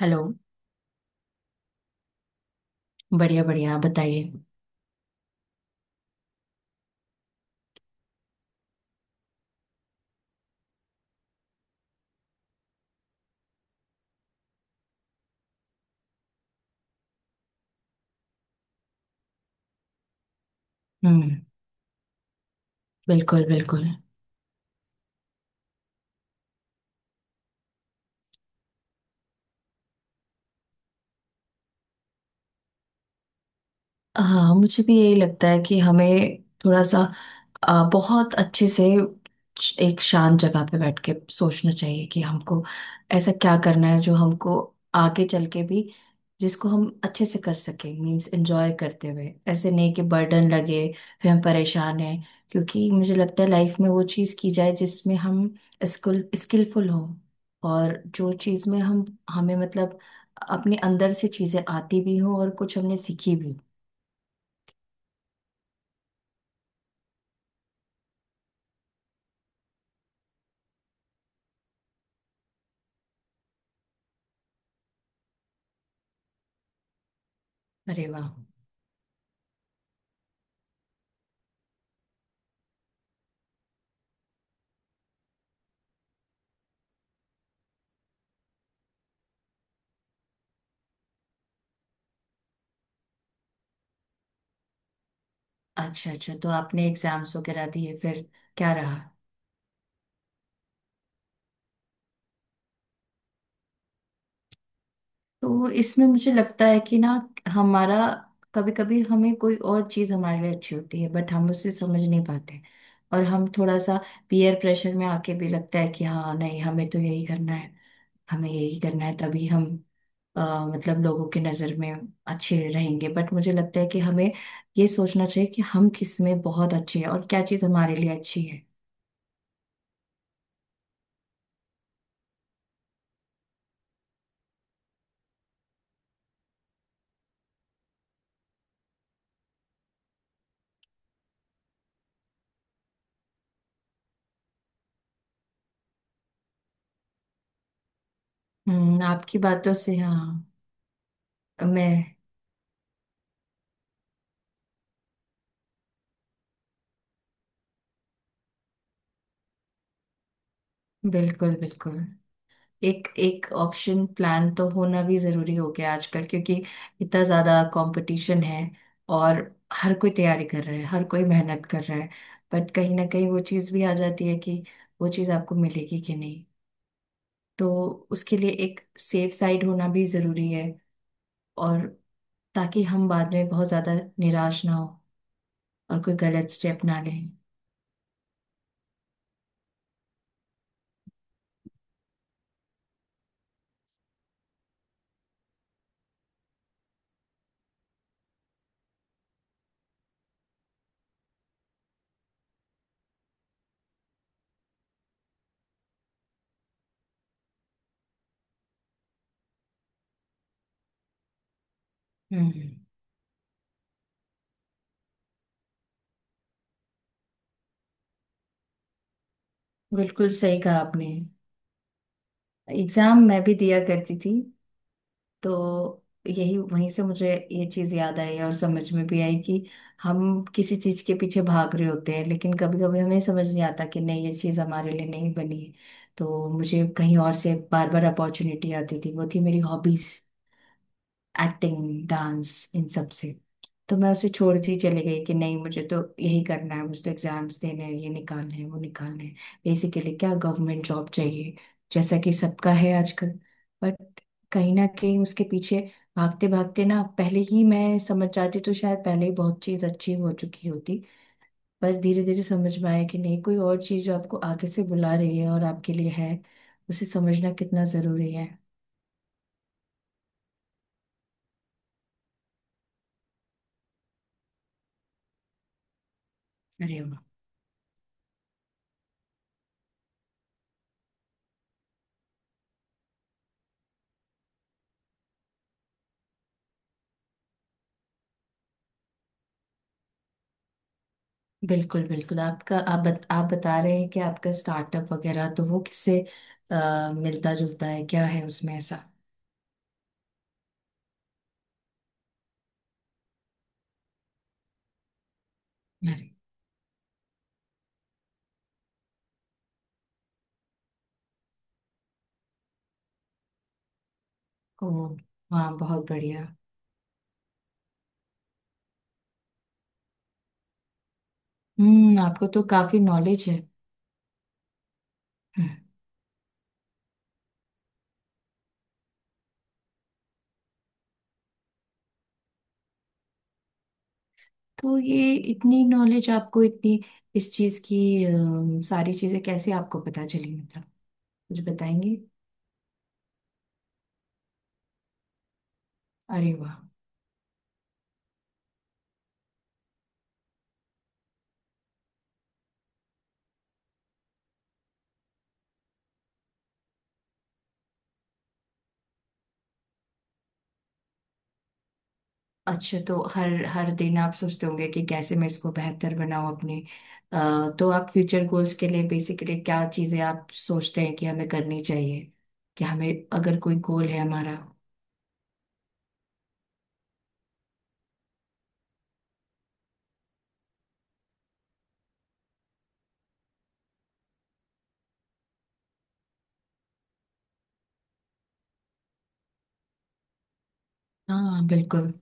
Hello. बढ़िया बढ़िया, आप बताइए। हम्म। बिल्कुल बिल्कुल। हाँ, मुझे भी यही लगता है कि हमें थोड़ा सा बहुत अच्छे से एक शांत जगह पे बैठ के सोचना चाहिए कि हमको ऐसा क्या करना है जो हमको आगे चल के भी जिसको हम अच्छे से कर सकें। मीन्स एंजॉय करते हुए, ऐसे नहीं कि बर्डन लगे, फिर हम परेशान हैं। क्योंकि मुझे लगता है लाइफ में वो चीज़ की जाए जिसमें हम स्किलफुल हों, और जो चीज़ में हम हमें मतलब अपने अंदर से चीज़ें आती भी हों और कुछ हमने सीखी भी। अरे वाह। अच्छा अच्छा, तो आपने एग्जाम्स वगैरह दिए, फिर क्या रहा? तो इसमें मुझे लगता है कि ना हमारा कभी कभी हमें कोई और चीज़ हमारे लिए अच्छी होती है बट हम उसे समझ नहीं पाते। और हम थोड़ा सा पीयर प्रेशर में आके भी लगता है कि हाँ नहीं हमें तो यही करना है, हमें यही करना है, तभी हम अ, मतलब लोगों की नज़र में अच्छे रहेंगे। बट मुझे लगता है कि हमें ये सोचना चाहिए कि हम किस में बहुत अच्छे हैं और क्या चीज़ हमारे लिए अच्छी है। हम्म, आपकी बातों से हाँ मैं। बिल्कुल बिल्कुल। एक एक ऑप्शन प्लान तो होना भी जरूरी हो गया आजकल, क्योंकि इतना ज्यादा कंपटीशन है। और हर कोई तैयारी कर रहा है, हर कोई मेहनत कर रहा है। बट कहीं ना कहीं वो चीज़ भी आ जाती है कि वो चीज़ आपको मिलेगी कि नहीं। तो उसके लिए एक सेफ साइड होना भी जरूरी है। और ताकि हम बाद में बहुत ज्यादा निराश ना हो और कोई गलत स्टेप ना लें। हम्म। बिल्कुल सही कहा आपने। एग्जाम मैं भी दिया करती थी। तो यही वहीं से मुझे ये चीज याद आई और समझ में भी आई कि हम किसी चीज के पीछे भाग रहे होते हैं लेकिन कभी कभी हमें समझ नहीं आता कि नहीं ये चीज हमारे लिए नहीं बनी है। तो मुझे कहीं और से बार बार अपॉर्चुनिटी आती थी, वो थी मेरी हॉबीज, एक्टिंग डांस इन सब से। तो मैं उसे छोड़ती ही चली गई कि नहीं मुझे तो यही करना है, मुझे तो एग्जाम्स देने हैं, ये निकालने हैं, वो निकालने हैं। बेसिकली क्या गवर्नमेंट जॉब चाहिए, जैसा कि सबका है आजकल। बट कहीं ना कहीं उसके पीछे भागते भागते ना पहले ही मैं समझ जाती तो शायद पहले ही बहुत चीज़ अच्छी हो चुकी होती। पर धीरे धीरे समझ में आया कि नहीं कोई और चीज़ जो आपको आगे से बुला रही है और आपके लिए है, उसे समझना कितना ज़रूरी है। अरे। बिल्कुल बिल्कुल। आपका आप बता रहे हैं कि आपका स्टार्टअप वगैरह, तो वो किससे मिलता जुलता है, क्या है उसमें ऐसा? अरे ओ, वाह बहुत बढ़िया। हम्म, आपको तो काफी नॉलेज है। हम्म। तो ये इतनी नॉलेज आपको, इतनी इस चीज की, सारी चीजें कैसे आपको पता चली, मतलब कुछ बताएंगे? अरे वाह। अच्छा, तो हर हर दिन आप सोचते होंगे कि कैसे मैं इसको बेहतर बनाऊं अपने। तो आप फ्यूचर गोल्स के लिए बेसिकली क्या चीजें आप सोचते हैं कि हमें करनी चाहिए, कि हमें अगर कोई गोल है हमारा? हाँ, बिल्कुल।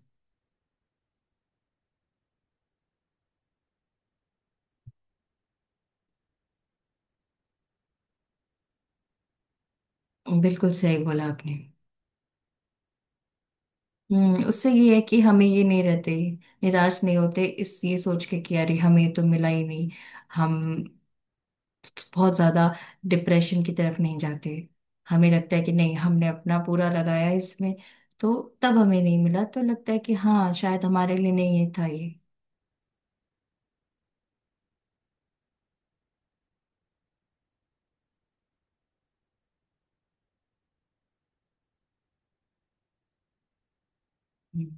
बिल्कुल सही बोला आपने। हम्म, उससे ये है कि हमें ये नहीं रहते, निराश नहीं होते इस ये सोच के कि अरे हमें तो मिला ही नहीं। हम बहुत ज्यादा डिप्रेशन की तरफ नहीं जाते। हमें लगता है कि नहीं हमने अपना पूरा लगाया इसमें, तो तब हमें नहीं मिला तो लगता है कि हाँ शायद हमारे लिए नहीं ये था ये। हम्म।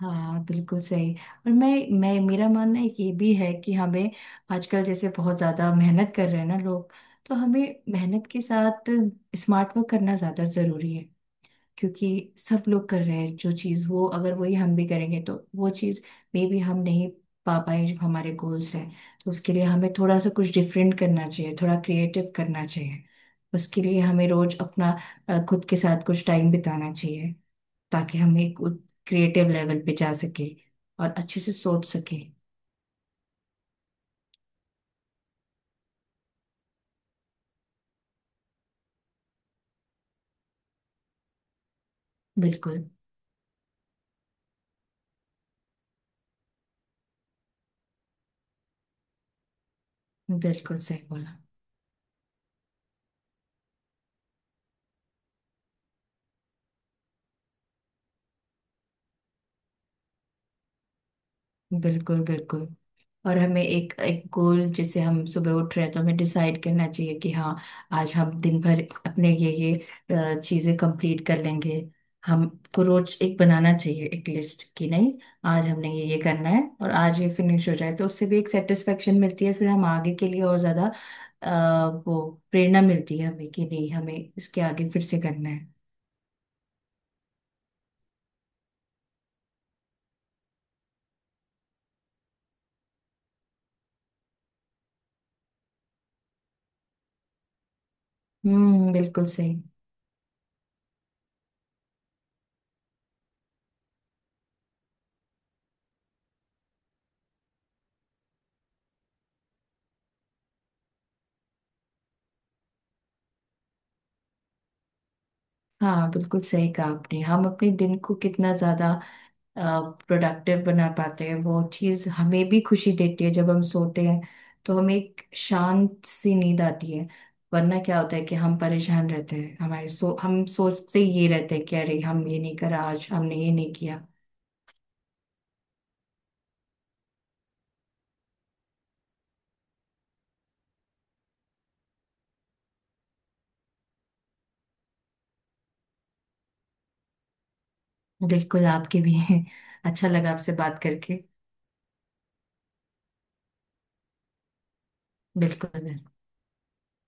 हाँ बिल्कुल सही। और मैं, मेरा मानना है कि ये भी है कि हमें आजकल जैसे बहुत ज़्यादा मेहनत कर रहे हैं ना लोग, तो हमें मेहनत के साथ स्मार्ट वर्क करना ज़्यादा ज़रूरी है। क्योंकि सब लोग कर रहे हैं जो चीज़, वो अगर वही हम भी करेंगे तो वो चीज़ मे बी हम नहीं पा पाए जो हमारे गोल्स हैं। तो उसके लिए हमें थोड़ा सा कुछ डिफरेंट करना चाहिए, थोड़ा क्रिएटिव करना चाहिए। उसके लिए हमें रोज अपना खुद के साथ कुछ टाइम बिताना चाहिए, ताकि हम एक क्रिएटिव लेवल पे जा सके और अच्छे से सोच सके। बिल्कुल बिल्कुल सही बोला। बिल्कुल बिल्कुल। और हमें एक एक गोल जैसे हम सुबह उठ रहे हैं तो हमें डिसाइड करना चाहिए कि हाँ आज हम दिन भर अपने ये चीजें कंप्लीट कर लेंगे। हमको रोज एक बनाना चाहिए एक लिस्ट कि नहीं आज हमने ये करना है और आज ये फिनिश हो जाए, तो उससे भी एक सेटिस्फेक्शन मिलती है, फिर हम आगे के लिए और ज्यादा वो प्रेरणा मिलती है हमें कि नहीं हमें इसके आगे फिर से करना है। हम्म, बिल्कुल सही। हाँ बिल्कुल सही कहा आपने। हम अपने दिन को कितना ज्यादा प्रोडक्टिव बना पाते हैं वो चीज़ हमें भी खुशी देती है। जब हम सोते हैं तो हमें एक शांत सी नींद आती है। वरना क्या होता है कि हम परेशान रहते हैं, हमारे सो हम सोचते ये रहते हैं कि अरे हम ये नहीं करा, आज हमने ये नहीं किया। बिल्कुल, आपके भी हैं। अच्छा लगा आपसे बात करके। बिल्कुल।